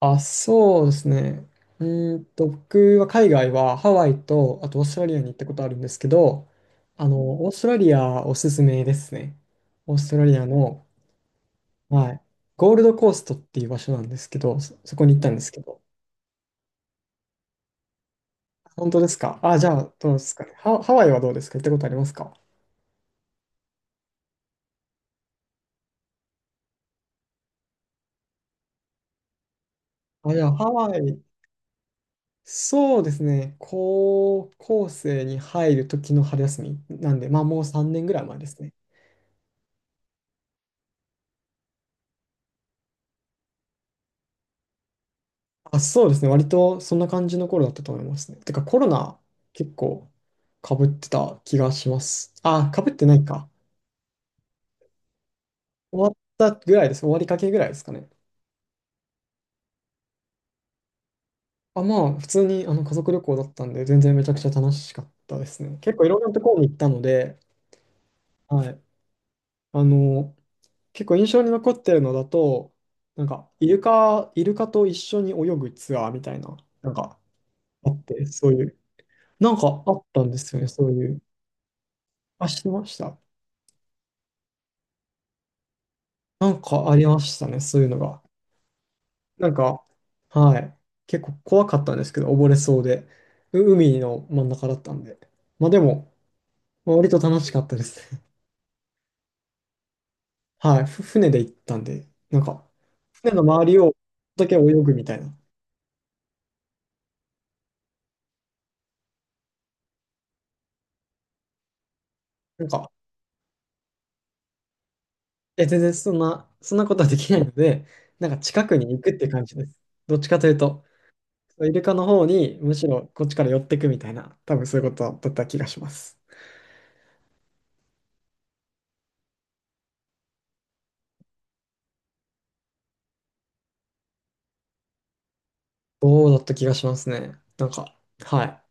あ、そうですね。僕は海外はハワイと、あとオーストラリアに行ったことあるんですけど、あの、オーストラリアおすすめですね。オーストラリアの、はい、ゴールドコーストっていう場所なんですけど、そこに行ったんですけど。本当ですかあ、じゃあ、どうですかね。ハワイはどうですか？行ったことありますか？あ、じゃハワイ、そうですね。高校生に入る時の春休みなんで、まあもう3年ぐらい前ですね。あ、そうですね。割とそんな感じの頃だったと思いますね。てかコロナ結構被ってた気がします。あ、被ってないか。終わったぐらいです。終わりかけぐらいですかね。あ、まあ、普通に家族旅行だったんで、全然めちゃくちゃ楽しかったですね。結構いろんなところに行ったので、はい。あの、結構印象に残ってるのだと、イルカと一緒に泳ぐツアーみたいな、なんか、あって、そういう、なんかあったんですよね、そういう。あ、してました。なんかありましたね、そういうのが。なんか、はい。結構怖かったんですけど、溺れそうで。海の真ん中だったんで。まあでも、まあ割と楽しかったですね。はい。船で行ったんで、船の周りをだけ泳ぐみたいな。なんか、全然そんなことはできないので、なんか近くに行くって感じです。どっちかというと、イルカの方にむしろこっちから寄ってくみたいな、多分そういうことだった気がします。そうだった気がしますね。はい。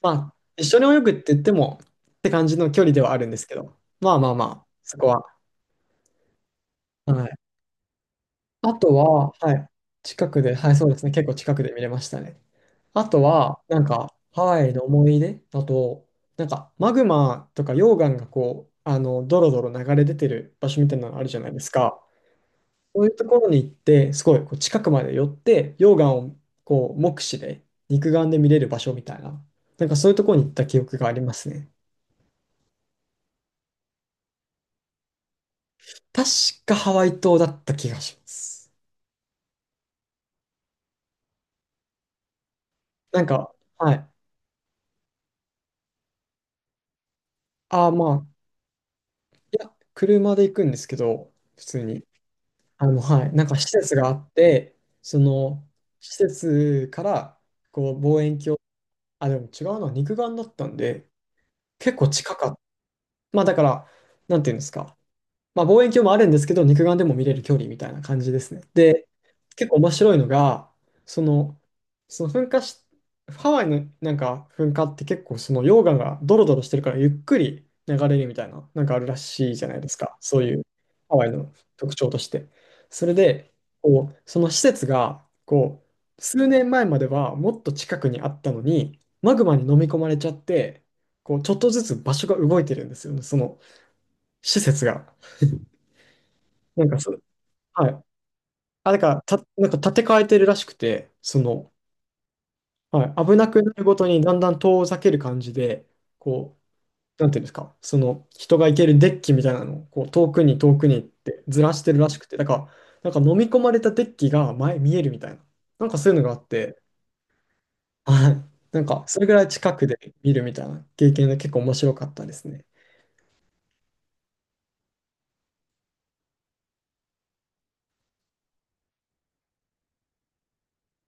まあ、一緒に泳ぐって言っても、って感じの距離ではあるんですけど、まあ、そこは。はい。あとは、はい。近くで、はい、そうですね。結構近くで見れましたね。あとは、ハワイの思い出だと、マグマとか溶岩がこう、ドロドロ流れ出てる場所みたいなのあるじゃないですか。そういうところに行って、すごいこう近くまで寄って、溶岩をこう、目視で、肉眼で見れる場所みたいな、なんかそういうところに行った記憶がありますね。確かハワイ島だった気がします。はい。まあ、いや、車で行くんですけど、普通に。はい。なんか施設があって、その、施設から、こう、望遠鏡、あ、でも違うな、肉眼だったんで、結構近かった。まあ、だから、なんていうんですか。まあ、望遠鏡もあるんですけど、肉眼でも見れる距離みたいな感じですね。で、結構面白いのが、その、その噴火し、ハワイのなんか噴火って結構その溶岩がドロドロしてるからゆっくり流れるみたいな、なんかあるらしいじゃないですか。そういうハワイの特徴として。それで、こう、その施設が、こう、数年前まではもっと近くにあったのに、マグマに飲み込まれちゃって、こう、ちょっとずつ場所が動いてるんですよね、その施設が。なんかそはい。あ、だから、なんか立て替えてるらしくて、その、はい、危なくなるごとにだんだん遠ざける感じで、こう、なんていうんですか、その人が行けるデッキみたいなのをこう遠くに遠くにってずらしてるらしくて、だから、なんか飲み込まれたデッキが前見えるみたいな、なんかそういうのがあって、はい、なんかそれぐらい近くで見るみたいな経験で結構面白かったですね。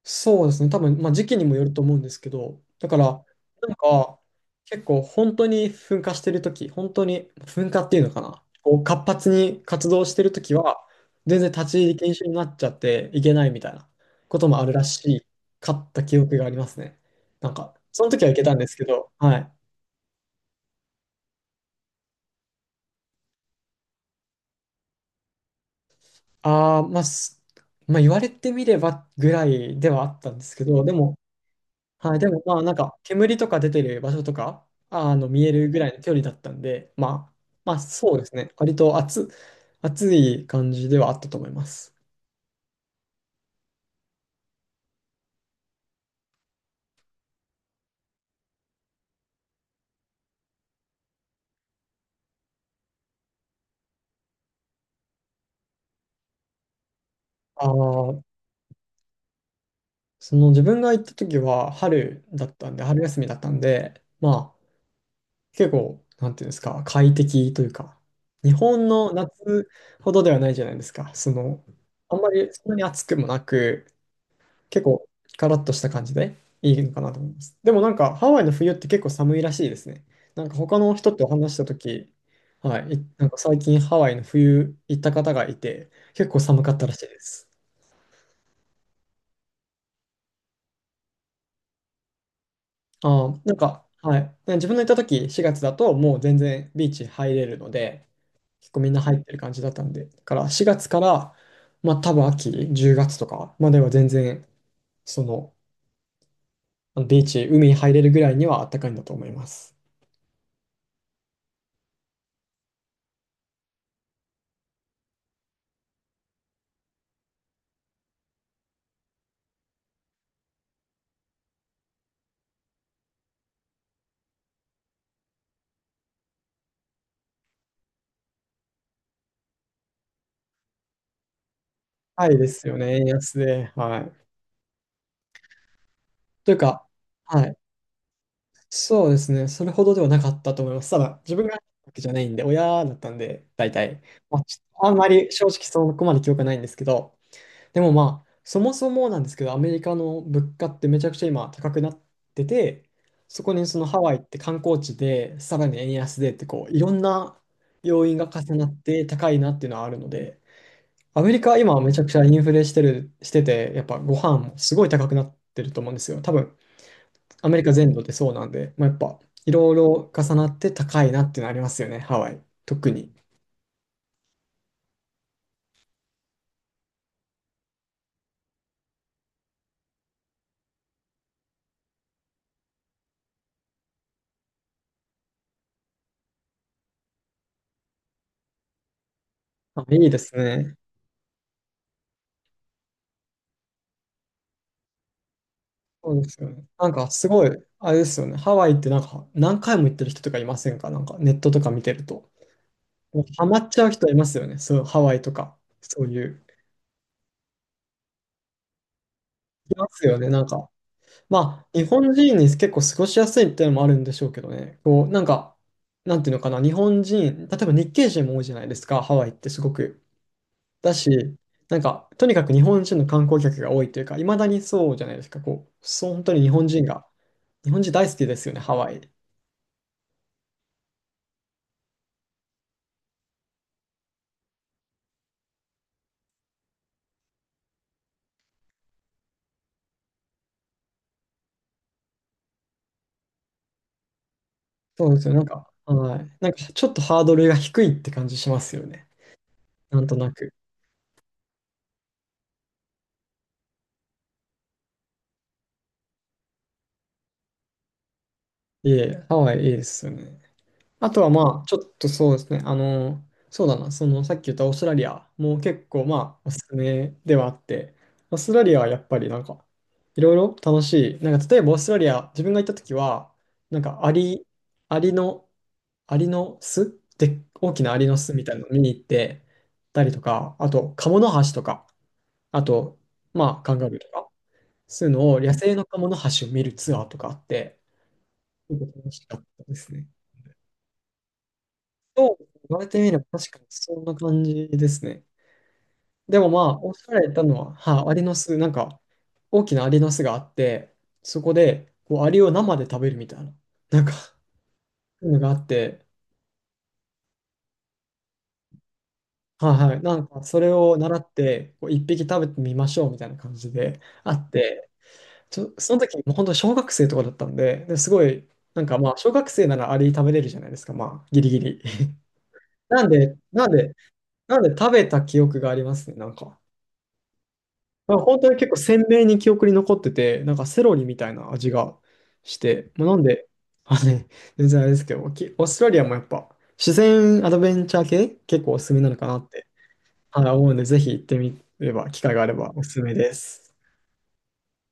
そうですね。多分、まあ、時期にもよると思うんですけど、だから、なんか、結構本当に噴火してるとき、本当に噴火っていうのかな、こう活発に活動してるときは、全然立ち入り禁止になっちゃっていけないみたいなこともあるらしかった記憶がありますね。その時はいけたんですけど、はい。ああ、まあ、すまあ、言われてみればぐらいではあったんですけど、でも、はい、でもまあなんか煙とか出てる場所とかあの見えるぐらいの距離だったんで、まあ、まあそうですね、割と暑、暑い感じではあったと思います。あー、その自分が行った時は春だったんで、春休みだったんで、まあ結構、なんていうんですか、快適というか、日本の夏ほどではないじゃないですか、その、あんまりそんなに暑くもなく、結構カラッとした感じでいいのかなと思います。でもなんかハワイの冬って結構寒いらしいですね。なんか他の人と話した時、はい、なんか最近ハワイの冬行った方がいて、結構寒かったらしいです。あー、はい、自分の行った時4月だともう全然ビーチ入れるので、結構みんな入ってる感じだったんで、だから4月から、まあ多分秋、10月とかまでは全然、その、ビーチ、海に入れるぐらいには暖かいんだと思います。はいですよね、円安で。はい。というか、はい。そうですね、それほどではなかったと思います。ただ、自分が入ったわけじゃないんで、親だったんで、大体。まあ、ちあんまり正直そこまで記憶はないんですけど、でもまあ、そもそもなんですけど、アメリカの物価ってめちゃくちゃ今高くなってて、そこにそのハワイって観光地で、さらに円安でってこう、いろんな要因が重なって高いなっていうのはあるので、アメリカは今めちゃくちゃインフレしてる、してて、やっぱご飯もすごい高くなってると思うんですよ。多分、アメリカ全土でそうなんで、まあ、やっぱいろいろ重なって高いなっていうのありますよね、ハワイ。特に。あ、いいですね。そうですよね。なんかすごい、あれですよね。ハワイってなんか何回も行ってる人とかいませんか？なんかネットとか見てると。もうハマっちゃう人いますよね。そう、ハワイとか。そういう。いますよね。なんかまあ、日本人に結構過ごしやすいっていうのもあるんでしょうけどね。こう、なんていうのかな、日本人、例えば日系人も多いじゃないですか、ハワイってすごく。だし、とにかく日本人の観光客が多いというか、いまだにそうじゃないですか、こう、そう、本当に日本人が、日本人大好きですよね、ハワイ。そうですよね、はい。ちょっとハードルが低いって感じしますよね。なんとなく。いえ、ハワイいいですよね。あとはまあ、ちょっとそうですね。そうだな、そのさっき言ったオーストラリアも結構まあ、おすすめではあって、オーストラリアはやっぱりいろいろ楽しい。なんか例えばオーストラリア、自分が行った時は、なんかアリ、アリの、アリの巣で、大きなアリの巣みたいなの見に行ってたりとか、あと、カモノハシとか、あと、まあ、カンガルーとか、そういうのを野生のカモノハシを見るツアーとかあって、結構楽しかったですね。そう、言われてみれば確かにそんな感じですね。でもまあ、おっしゃられたのは、はい、アリの巣、大きなアリの巣があって、そこで、こう、アリを生で食べるみたいな、なんか、そういうのがあって、はいはい、それを習って、こう、一匹食べてみましょうみたいな感じであって、その時、もう本当小学生とかだったんで、ですごい、なんかまあ、小学生ならアリ食べれるじゃないですか、まあ、ギリギリ。なんで、なんで、なんで食べた記憶がありますね、なんか。まあ本当に結構鮮明に記憶に残ってて、なんかセロリみたいな味がして、まあ、なんで、あね、全然あれですけど、オーストラリアもやっぱ自然アドベンチャー系結構おすすめなのかなって、はい、思うんで、ぜひ行ってみれば、機会があればおすすめです。